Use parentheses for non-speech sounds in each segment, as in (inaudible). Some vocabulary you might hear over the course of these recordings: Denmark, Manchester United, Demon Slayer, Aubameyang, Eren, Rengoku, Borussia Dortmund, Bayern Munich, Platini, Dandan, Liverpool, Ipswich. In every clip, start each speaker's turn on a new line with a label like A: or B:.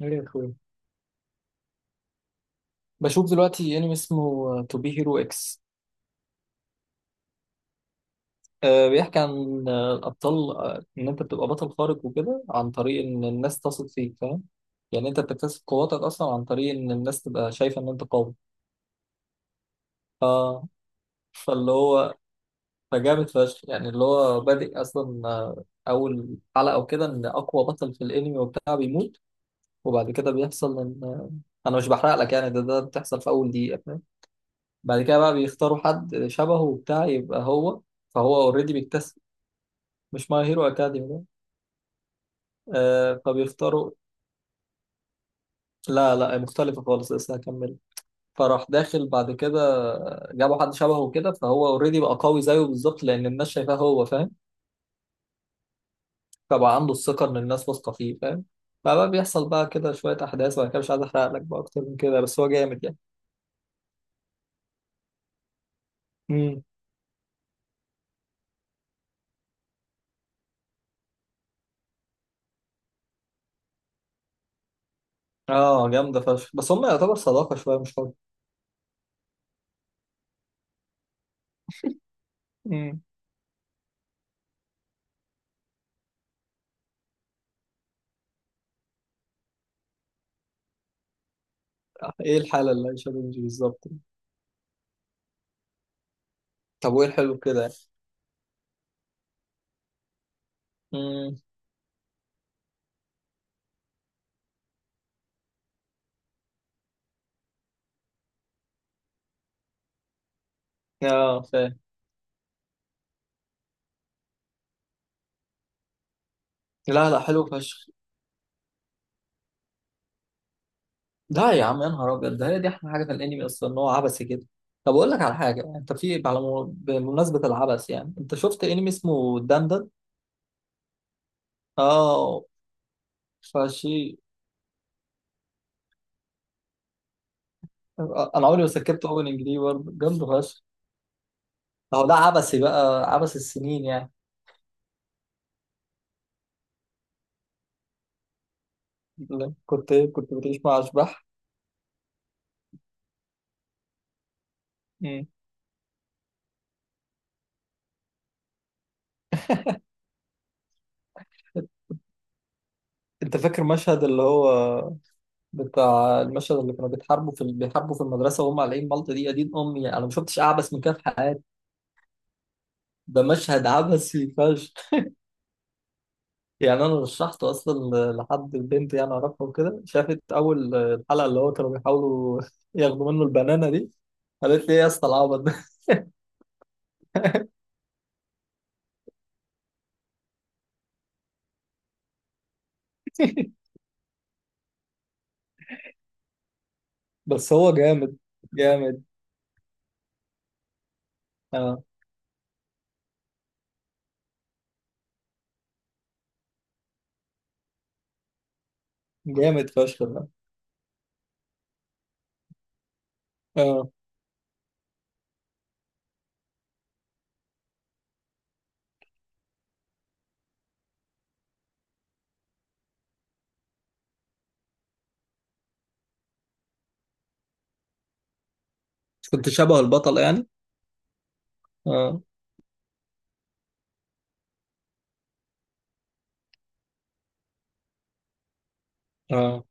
A: ايه يا اخويا، بشوف دلوقتي انمي اسمه تو بي هيرو اكس. بيحكي عن الابطال، ان انت بتبقى بطل خارق وكده عن طريق ان الناس تثق فيك، فاهم؟ يعني انت بتكتسب قواتك اصلا عن طريق ان الناس تبقى شايفه ان انت قوي. ف... فاللي هو فجامد فشخ. يعني اللي هو بادئ اصلا اول حلقه وكده ان اقوى بطل في الانمي وبتاع بيموت، وبعد كده بيحصل ان انا مش بحرق لك، يعني ده بتحصل في اول دقيقه. بعد كده بقى بيختاروا حد شبهه وبتاع يبقى هو، فهو اوريدي بيكتسب. مش ماي هيرو اكاديمي ده. آه، فبيختاروا. لا لا، مختلفة خالص، لسه هكمل. فراح داخل بعد كده، جابوا حد شبهه كده فهو اوريدي بقى قوي زيه بالظبط لان الناس شايفاه، هو فاهم؟ فبقى عنده الثقة ان الناس واثقة فيه، فاهم؟ فبقى بيحصل بقى كده شوية أحداث، وأنا كده مش عايز أحرق لك بقى أكتر من كده، بس هو جامد يعني. امم. آه، جامدة فشخ، بس هم يعتبر صداقة شوية مش حب. امم. إيه الحالة اللي عايشة بنجي بالظبط؟ طب وإيه الحلو في كده يعني؟ امم. اه، فاهم. لا لا، حلو فشخ. لا يا عم، يا نهار ابيض، ده هي دي احلى حاجه في الانمي اصلا، ان هو عبثي كده. طب اقول لك على حاجه، انت بمناسبه العبث، يعني انت شفت انمي اسمه دندن؟ اه. فشي. انا عمري ما سكبت اوبننج دي، برضه جامد فشخ. اهو ده عبثي بقى، عبث السنين يعني. لا، كنت إيه، كنت بتعيش مع اشباح؟ مم. انت فاكر مشهد اللي هو بتاع المشهد اللي كانوا بيتحاربوا في بيحاربوا في المدرسه وهم قالعين مالطه دي؟ يا دين امي، انا ما شفتش اعبث من كده في. ده مشهد عبثي فشخ. يعني انا رشحته اصلا لحد البنت يعني اعرفها وكده، شافت اول الحلقه اللي هو كانوا بيحاولوا (laughs) ياخدوا منه البنانه دي، قالت لي ايه يا اسطى العبط ده. (laughs) بس هو جامد. جامد. اه، جامد فشخ ده. اه. كنت شبه البطل يعني؟ اه. اه.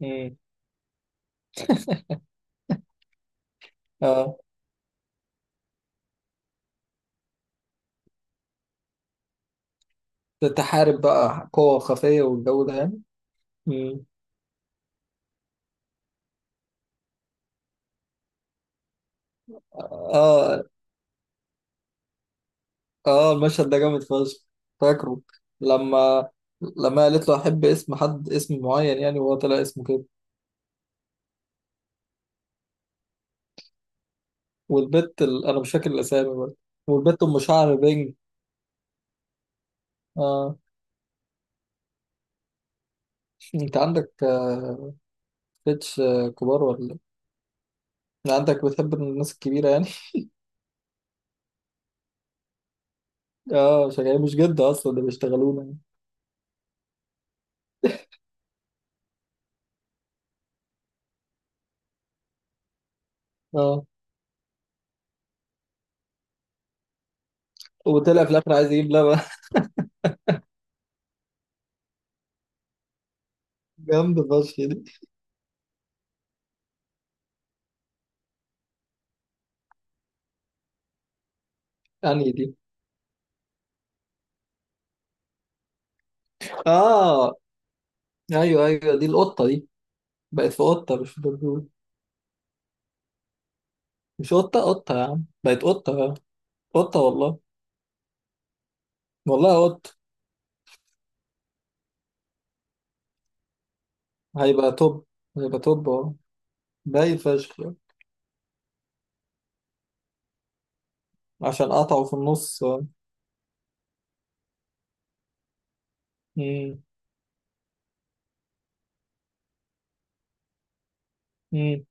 A: امم. اه. تتحارب بقى قوة خفية والجو ده يعني؟ امم. اه. اه، المشهد ده جامد فشخ. فاكره؟ لما لما قالت له احب اسم حد اسم معين يعني وهو طلع اسمه كده. والبت ال... انا مش فاكر الاسامي برضه. والبت ام شعر بينج. اه. انت عندك بيتش كبار ولا؟ إيه؟ عندك بتحب الناس الكبيره يعني؟ (laughs) اه، شغال مش جد اصلا، ده بيشتغلونا يعني. اه. وطلع في الاخر عايز يجيب لبن. (laughs) جامده فشخ دي. يعني دي. اه. ايوه ايوه، دي القطه دي. بقت في قطه مش في دبدوب. مش قطه، قطه يا عم، بقت قطه. قطة والله. والله قط. هيبقى توب. هيبقى توب اه. باي فشخ. عشان قطعه في النص، اه. مم. مم.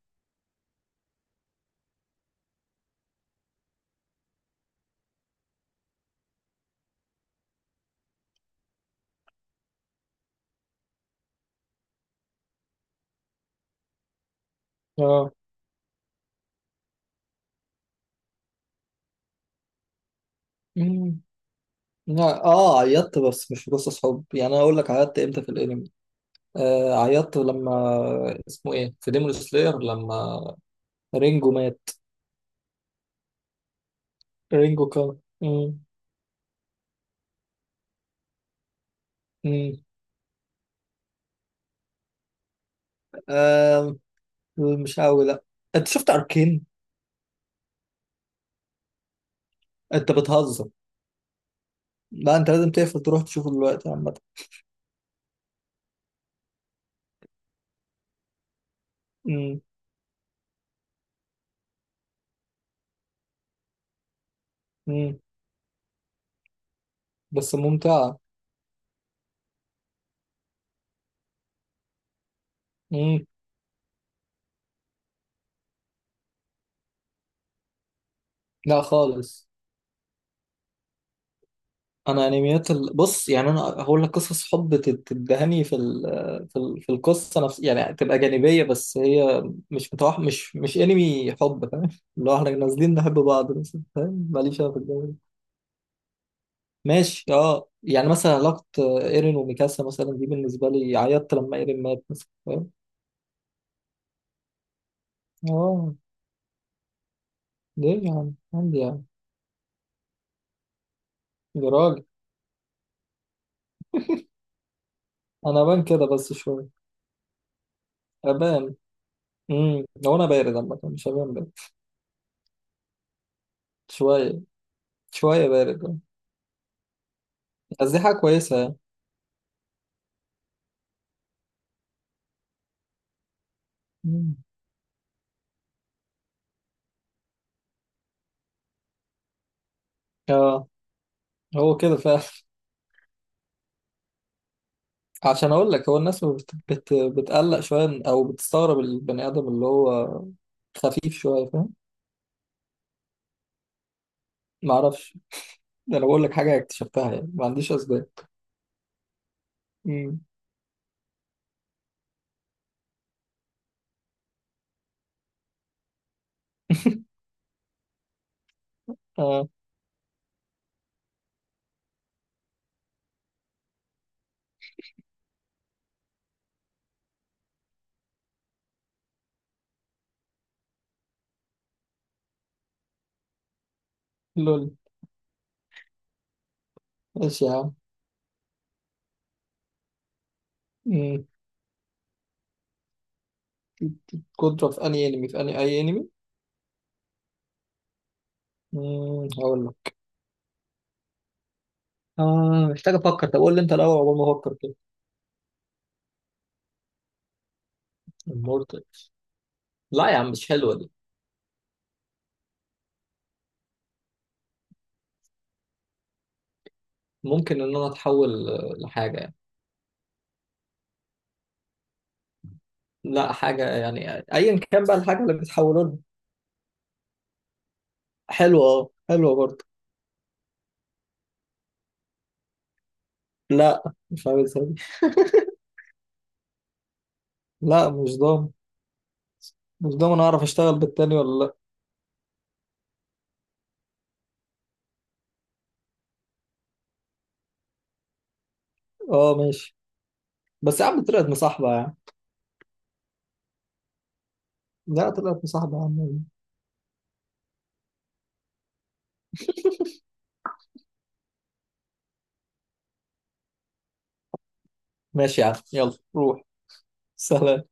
A: اه. مم. لا، اه عيطت، بس مش في قصص حب. يعني انا اقول لك عيطت امتى في الانمي. آه، عيطت لما اسمه ايه في ديمون سلاير، لما رينجو مات. رينجو كان. مم. مم. آه. مش قوي، لا. انت شفت اركين؟ انت بتهزر. لا انت لازم تقفل تروح تشوفه دلوقتي عامة. مم. مم. بس ممتعة. مم. لا خالص. انا انميات ال... بص، يعني انا هقول لك، قصص حب تدهني في ال... في ال... في القصه نفس، يعني تبقى جانبيه بس هي مش انمي حب، فاهم؟ اللي هو احنا نازلين نحب بعض مثلا، فاهم؟ ماليش انا في الجو ده. ماشي، اه، يعني مثلا علاقه ايرين وميكاسا مثلا، دي بالنسبه لي عيطت لما ايرين مات مثلا، فاهم؟ اه. ليه يا عم، عندي يعني. يا راجل. انا بان كده بس شويه. ابان. امم، هو انا بارد عامه، مش هبان بارد. شويه. شويه بارد. بس دي حاجه كويسه. مم. اه. هو كده فعلا. (laughs) عشان اقول لك، هو الناس بتقلق شويه او بتستغرب البني ادم اللي هو خفيف شويه، فاهم؟ ما اعرفش. ده انا بقول لك حاجه اكتشفتها يعني، ما عنديش اسباب. مم. (laughs) اه. لول. ماشي يا عم. مم. كنت في اني انمي؟ في اي انمي. مم، هقول لك. اه، محتاج افكر. طب قول لي انت الاول عقبال ما افكر كده. المورتالز؟ لا يا عم، مش حلوه دي. ممكن ان انا اتحول لحاجه يعني. لا حاجه يعني ايا كان بقى الحاجه اللي بتحولها. حلوة، اه حلوة برضه. لا، مش عايز أبي. لا، مش ضامن. مش ضامن اعرف اشتغل بالتاني ولا لا. اه ماشي. بس يا عم طلعت مصاحبة يا عم. لا طلعت مصاحبة يا عم. ماشي يا عم، يلا روح. سلام.